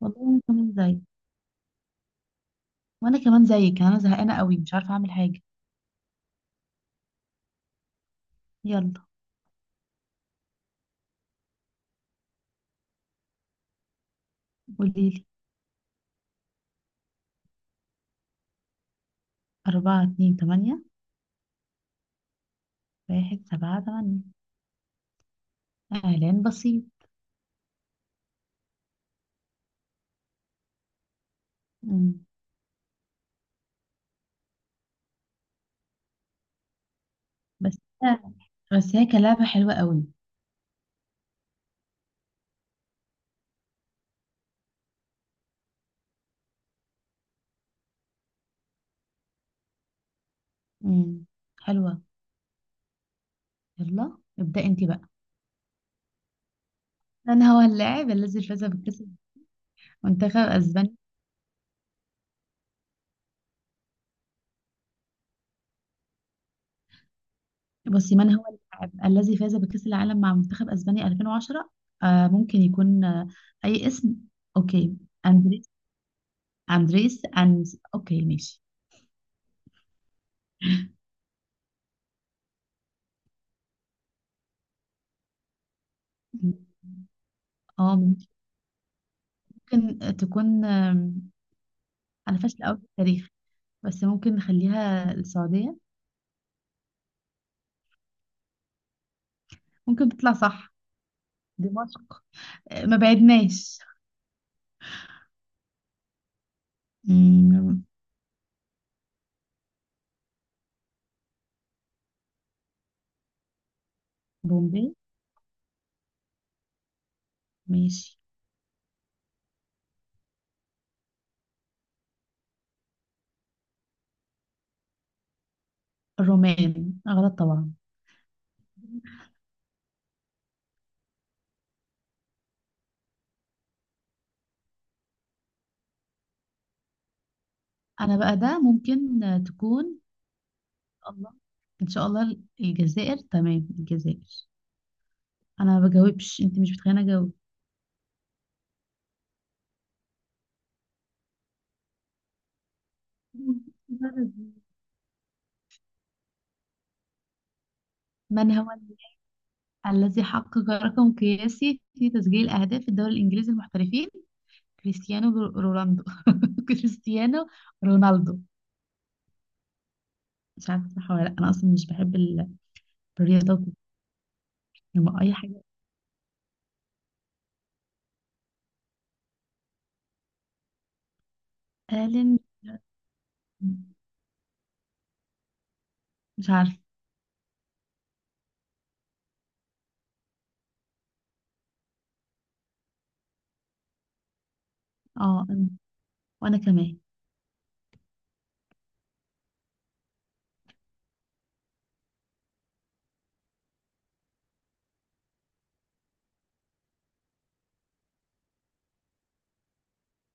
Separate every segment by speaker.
Speaker 1: والله انا كمان زيك. يعني انا زهقانه قوي، مش عارفه اعمل حاجه. يلا قولي لي. 4 2 8. 1 7 8. اعلان بسيط. مم. بس بس هي كلعبه حلوه قوي. مم. حلوه. يلا ابدأ انت بقى. من هو اللاعب الذي فاز بكأس منتخب اسبانيا؟ بصي، من هو اللاعب الذي فاز بكأس العالم مع منتخب اسبانيا 2010؟ ممكن يكون. اي اسم. اوكي. اندريس. اوكي ماشي. مم. اه، ممكن تكون. انا فاشله قوي في التاريخ، بس ممكن نخليها السعوديه. ممكن تطلع صح. دمشق. ما بعدناش. مم، بومبي. ماشي. الرومان غلط طبعا. انا بقى ده ممكن تكون. الله. ان شاء الله الجزائر، تمام، الجزائر. انا ما بجاوبش، انت مش بتخليني اجاوب. من هو الذي حقق رقم قياسي في تسجيل اهداف الدوري الانجليزي المحترفين؟ كريستيانو رونالدو كريستيانو رونالدو. مش عارفه صح ولا لا، انا اصلا مش بحب الرياضات دي. لما اي حاجه. قال، مش عارفه. اه، أنا. وانا كمان.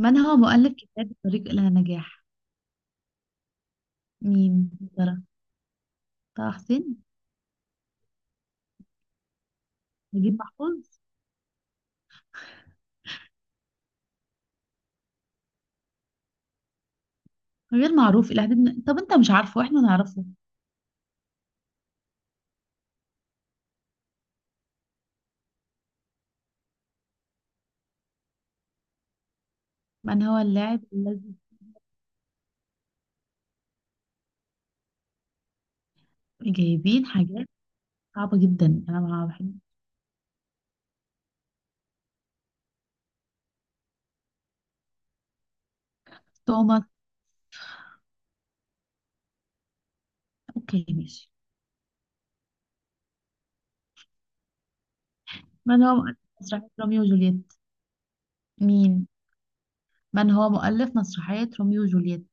Speaker 1: من هو مؤلف كتاب الطريق الى النجاح؟ مين يا ترى؟ طه حسين. نجيب محفوظ. غير معروف الى حد ما. طب انت مش عارفه واحنا نعرفه. من هو اللاعب الذي جايبين حاجات صعبه جدا، انا ما بحب. توماس. اوكي ماشي. من هو مؤلف مسرحيه روميو وجولييت؟ مين؟ من هو مؤلف مسرحية روميو وجولييت؟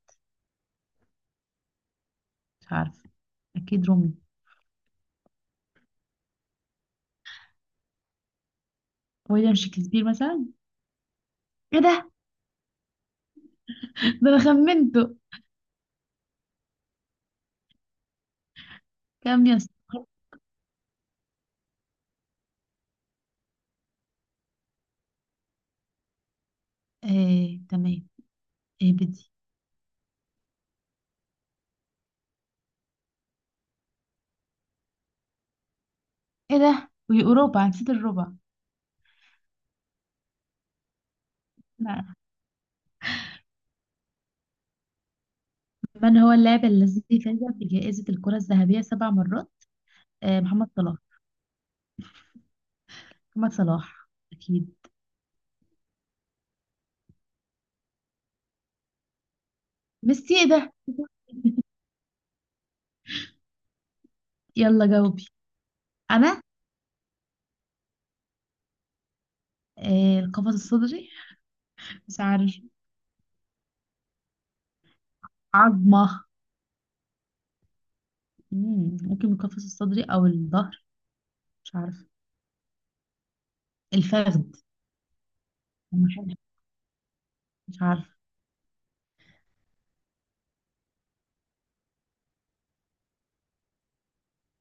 Speaker 1: مش عارفة. أكيد روميو. ويليام شكسبير مثلا. إيه ده؟ ده أنا خمنته. كام يا اسطى؟ إيه تمام. إيه بدي. إيه ده، وأوروبا نسيت الربع. لا. من هو اللاعب الذي فاز بجائزة الكرة الذهبية سبع مرات؟ محمد صلاح. محمد صلاح أكيد. ميسي؟ إيه ده. يلا جاوبي. أنا. القفص الصدري. مش عارف. عظمة. ممكن القفص الصدري أو الظهر. مش عارف. الفخذ. مش عارف.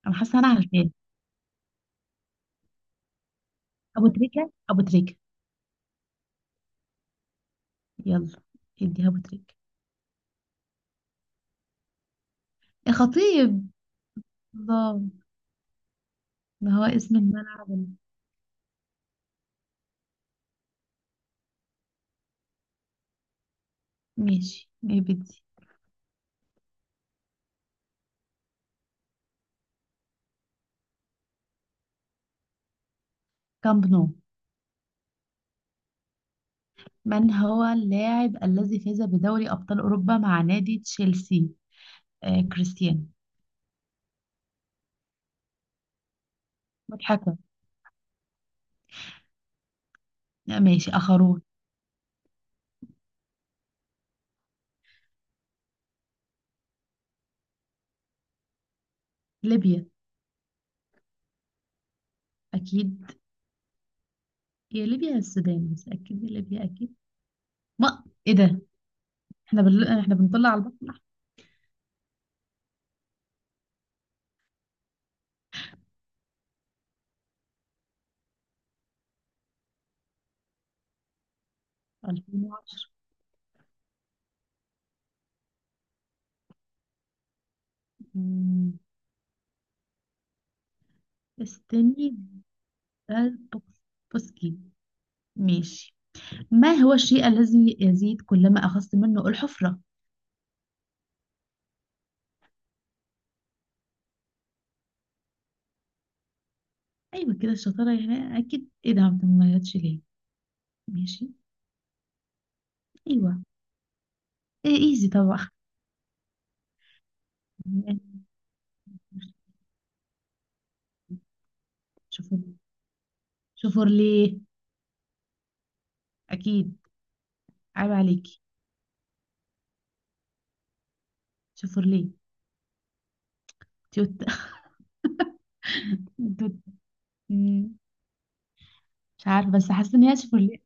Speaker 1: انا حاسه انا عارفاه. ابو تريكه، ابو تريكه. يلا ادي ابو تريكه. يا خطيب. الله. ما هو اسم الملعب؟ ماشي نبتدي. كامب نو. من هو اللاعب الذي فاز بدوري ابطال اوروبا مع نادي تشيلسي؟ كريستيانو. مضحكه. لا، ماشي، اخرون. ليبيا. اكيد. يا ليبيا يا السودان، بس اكيد يا ليبيا، اكيد. ما ايه ده. احنا بنطلع على البحر الاحمر. 2010. مم. استني. آه، بوكس- بوسكي. ماشي. ما هو الشيء الذي يزيد كلما أخذت منه؟ الحفرة. أيوة كده الشطارة يعني، أكيد، إيه ده ما جاتش ليه. ماشي. أيوة. إيه إيزي طبعا. شوفوا. شوفوا ليه. أكيد. عيب عليكي. شوفوا ليه. توت توت. مم. مش عارفة بس حاسة إن هي شوفوا ليه.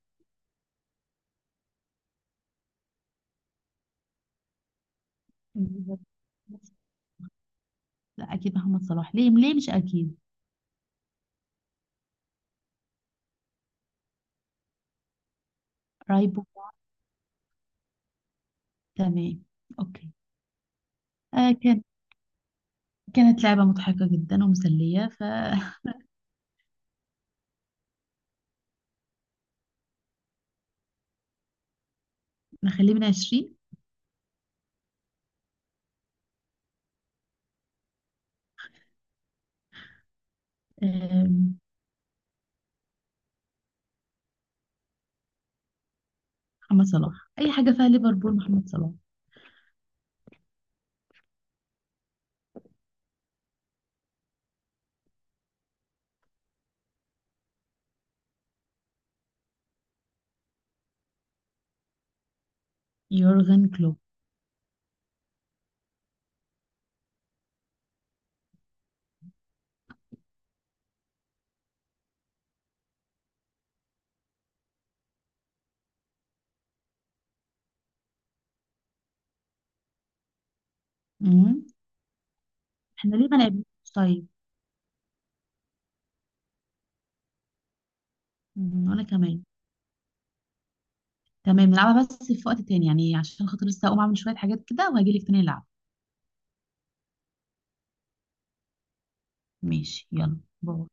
Speaker 1: لا أكيد محمد صلاح، ليه ليه مش أكيد. رايبو. تمام. أوكي. كان كانت لعبة مضحكة جدا ومسلية فنخليه. من 20. آم، محمد صلاح. اي حاجه فيها ليفربول محمد صلاح. يورغن كلوب. مم. احنا ليه ما لعبناش؟ طيب. وانا كمان. تمام نلعبها، بس في وقت تاني يعني عشان خاطر لسه اقوم اعمل شويه حاجات كده وهجيلك تاني نلعب. ماشي يلا باي.